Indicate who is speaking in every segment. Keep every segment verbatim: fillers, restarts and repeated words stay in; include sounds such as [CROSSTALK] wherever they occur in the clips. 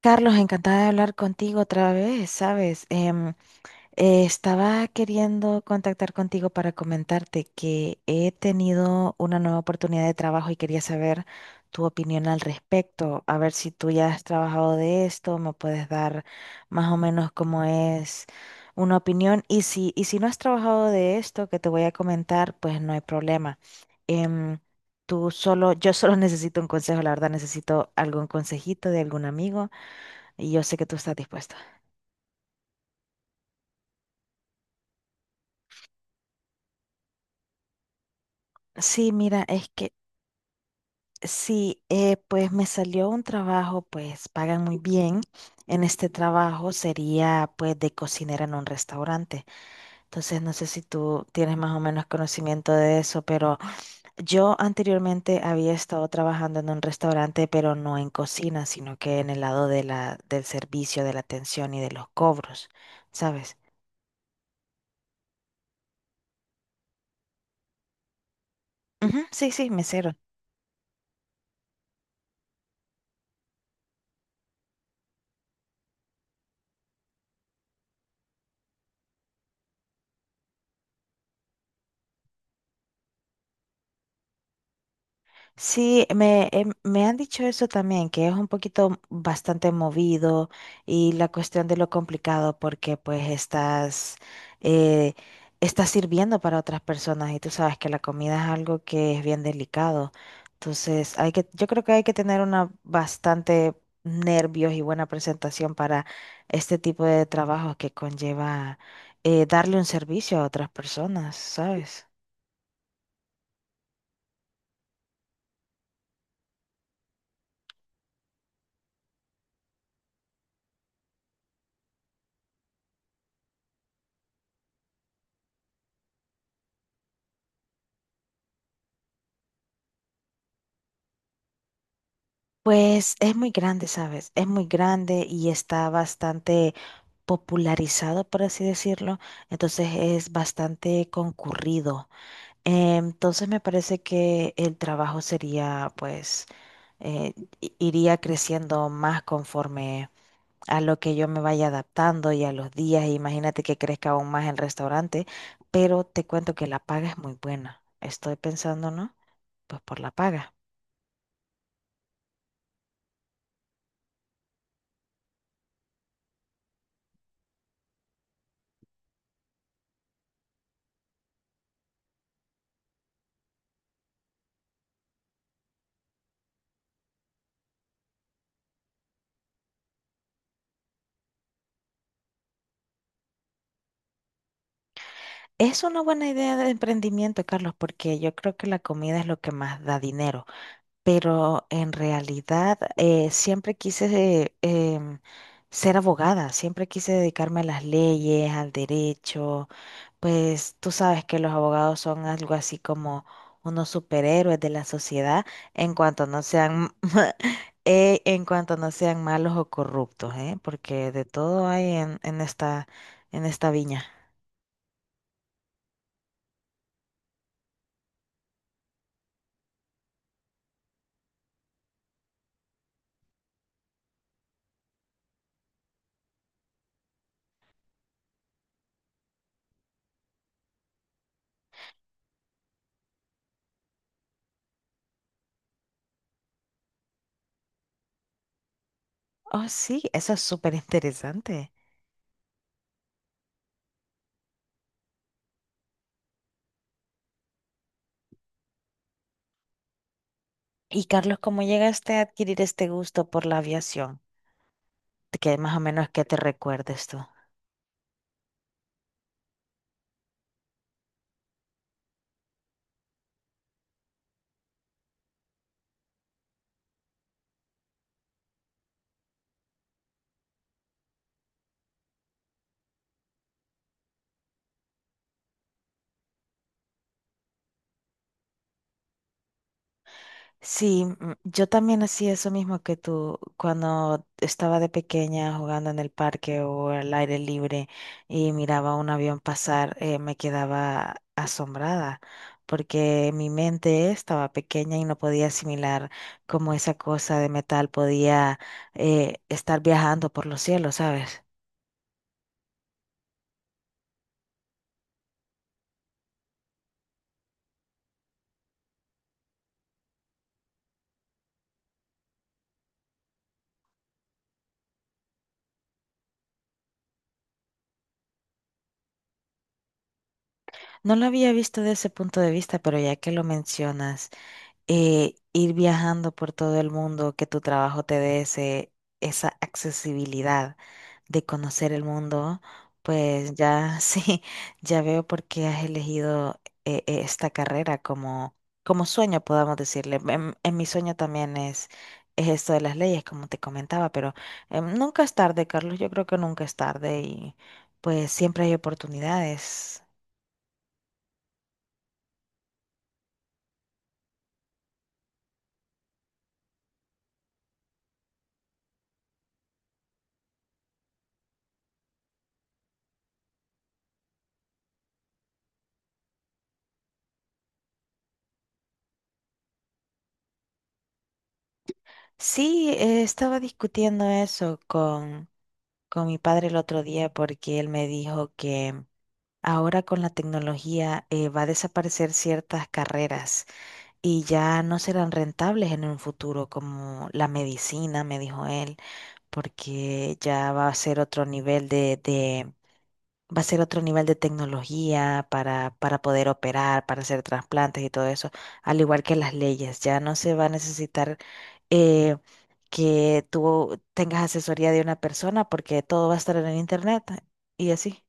Speaker 1: Carlos, encantada de hablar contigo otra vez, ¿sabes? Em, eh, estaba queriendo contactar contigo para comentarte que he tenido una nueva oportunidad de trabajo y quería saber tu opinión al respecto, a ver si tú ya has trabajado de esto, me puedes dar más o menos cómo es una opinión y si, y si no has trabajado de esto que te voy a comentar, pues no hay problema. Em, tú solo, yo solo [LAUGHS] necesito un consejo, la verdad, necesito algún consejito de algún amigo y yo sé que tú estás dispuesta. Sí, mira, es que sí, eh, pues me salió un trabajo, pues pagan muy bien. En este trabajo sería pues de cocinera en un restaurante. Entonces no sé si tú tienes más o menos conocimiento de eso, pero yo anteriormente había estado trabajando en un restaurante, pero no en cocina, sino que en el lado de la, del servicio, de la atención y de los cobros, ¿sabes? Ujú, sí, sí, mesero. Sí, me, em- me han dicho eso también, que es un poquito bastante movido y la cuestión de lo complicado porque pues estás, eh, estás sirviendo para otras personas y tú sabes que la comida es algo que es bien delicado. Entonces, hay que, yo creo que hay que tener una bastante nervios y buena presentación para este tipo de trabajo que conlleva eh, darle un servicio a otras personas, ¿sabes? Pues es muy grande, ¿sabes? Es muy grande y está bastante popularizado, por así decirlo. Entonces es bastante concurrido. Eh, Entonces me parece que el trabajo sería, pues, eh, i- iría creciendo más conforme a lo que yo me vaya adaptando y a los días. Imagínate que crezca aún más el restaurante, pero te cuento que la paga es muy buena. Estoy pensando, ¿no? Pues por la paga. Es una buena idea de emprendimiento, Carlos, porque yo creo que la comida es lo que más da dinero, pero en realidad eh, siempre quise eh, em, ser abogada, siempre quise dedicarme a las leyes, al derecho, pues tú sabes que los abogados son algo así como unos superhéroes de la sociedad en cuanto no sean, [LAUGHS] eh, en cuanto no sean malos o corruptos, ¿eh? Porque de todo hay en, en esta, en esta viña. Oh, sí, eso es súper interesante. Y Carlos, ¿cómo llegaste a adquirir este gusto por la aviación? Que más o menos que te recuerdes tú. Sí, mm, yo también hacía eso mismo que tú cuando estaba de pequeña jugando en el parque o al aire libre y miraba un avión pasar, eh, me quedaba asombrada porque mi mente estaba pequeña y no podía asimilar cómo esa cosa de metal podía eh, estar viajando por los cielos, ¿sabes? No lo había visto desde ese punto de vista, pero ya que lo mencionas, eh, ir viajando por todo el mundo, que tu trabajo te dé ese, esa accesibilidad de conocer el mundo, pues ya [LAUGHS] sí, ya veo por qué has elegido eh, eh, esta carrera como, como sueño, podamos decirle. En, en mi sueño también es, es esto de las leyes, como te comentaba, pero em, nunca es tarde, Carlos, yo creo que nunca es tarde y pues siempre hay oportunidades. Sí, eh, estaba discutiendo eso con, con mi padre el otro día porque él me dijo que ahora con la tecnología eh, va a desaparecer ciertas carreras y ya no serán rentables en un futuro, como la medicina, me dijo él, porque ya va a ser otro nivel de, de- va a ser otro nivel de tecnología para, para poder operar, para hacer trasplantes y todo eso, al igual que las leyes, ya no se va a necesitar eh, que tú tengas asesoría de una persona porque todo va a estar en el internet y así.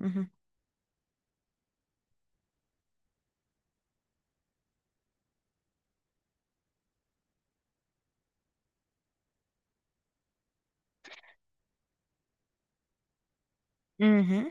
Speaker 1: Ujú. Ujú.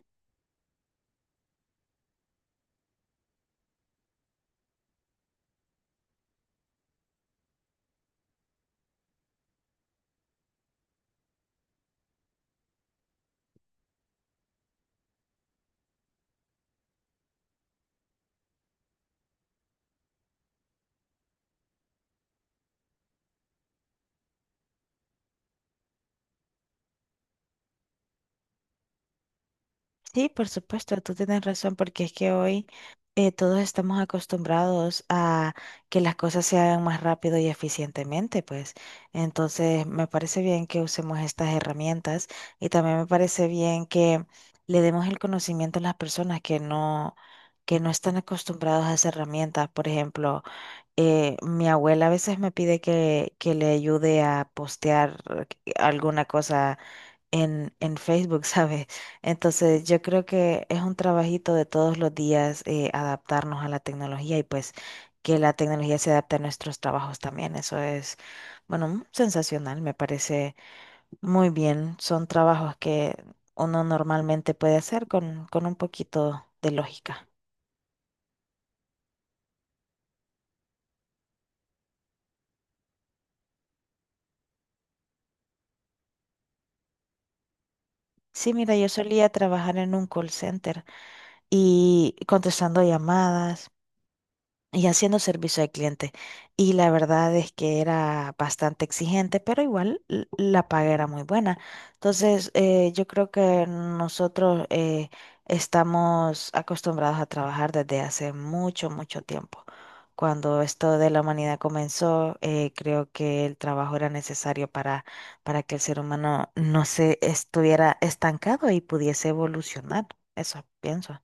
Speaker 1: Sí, por supuesto, tú tienes razón porque es que hoy eh, todos estamos acostumbrados a que las cosas se hagan más rápido y eficientemente, pues. Entonces, me parece bien que usemos estas herramientas y también me parece bien que le demos el conocimiento a las personas que no que no están acostumbrados a esas herramientas. Por ejemplo, eh, mi abuela a veces me pide que, que le ayude a postear alguna cosa en, en Facebook, [LAUGHS] ¿sabes? Entonces yo creo que es un trabajito de todos los días eh, adaptarnos a la tecnología y pues que la tecnología se adapte a nuestros trabajos también. Eso es, bueno, sensacional, me parece muy bien. Son trabajos que uno normalmente puede hacer con, con un poquito de lógica. Sí, mira, yo solía trabajar en un call center, y contestando llamadas y haciendo servicio al cliente. Y la verdad es que era bastante exigente, pero igual l- la paga era muy buena. Entonces, eh, yo creo que nosotros eh, estamos acostumbrados a trabajar desde hace mucho, mucho tiempo. Cuando esto de la humanidad comenzó, eh, creo que el trabajo era necesario para, para que el ser humano no se estuviera estancado y pudiese evolucionar. Eso pienso.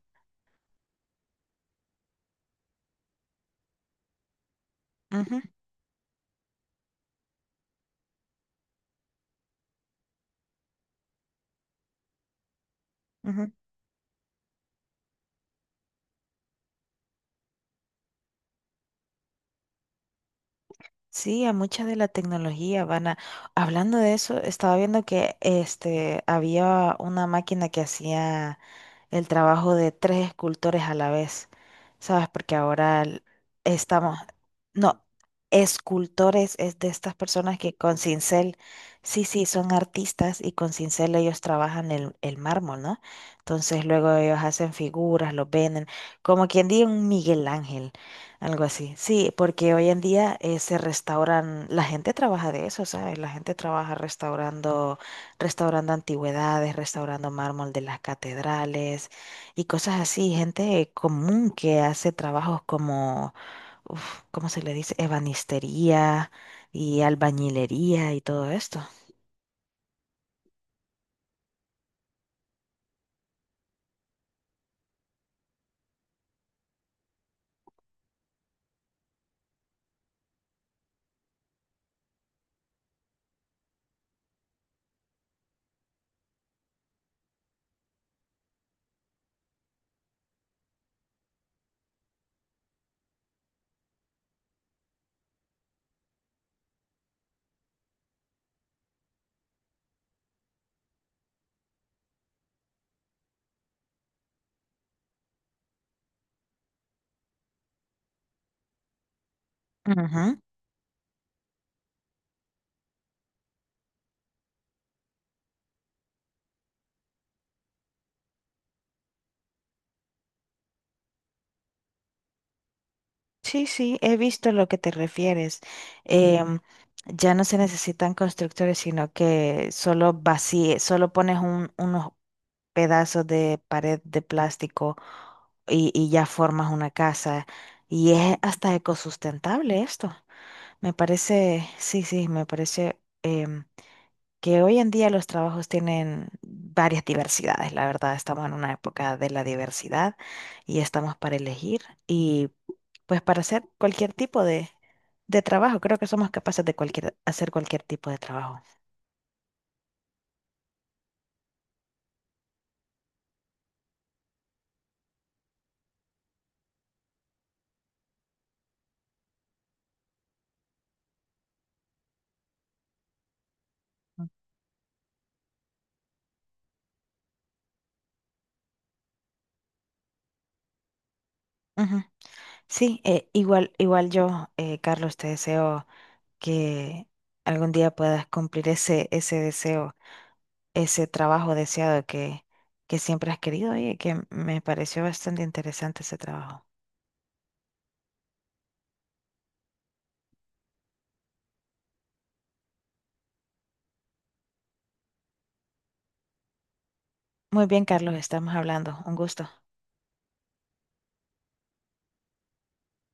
Speaker 1: Ujú. Sí, a mucha de la tecnología van a… Hablando de eso, estaba viendo que este, había una máquina que hacía… el trabajo de tres escultores a la vez, ¿sabes? Porque ahora el- estamos, no, escultores es de estas personas que con cincel, sí, sí, son artistas y con cincel ellos trabajan el, el mármol, ¿no? Entonces luego ellos hacen figuras, los venden, como quien diga un Miguel Ángel, algo así. Sí, porque hoy en día eh, se restauran, la gente trabaja de eso, ¿sabes? La gente trabaja restaurando restaurando antigüedades, restaurando mármol de las catedrales y cosas así. Gente común que hace trabajos como, uf, ¿cómo se le dice? Ebanistería y albañilería y todo esto. Ujú. Sí, sí, he visto lo que te refieres. Em, ya no se necesitan constructores, sino que solo vací, solo pones un- unos, pedazos de pared de plástico y, y ya formas una casa. Y es hasta ecosustentable esto. Me parece, sí, sí, me parece em, que hoy en día los trabajos tienen varias diversidades. La verdad, estamos en una época de la diversidad y estamos para elegir y pues para hacer cualquier tipo de, de trabajo. Creo que somos capaces de cualquier, hacer cualquier tipo de trabajo. Ujú. Sí, eh, igual, igual yo, eh, Carlos, te deseo que algún día puedas cumplir ese, ese deseo, ese trabajo deseado que, que siempre has querido y que me pareció bastante interesante ese trabajo. Muy bien, Carlos, estamos hablando. Un gusto.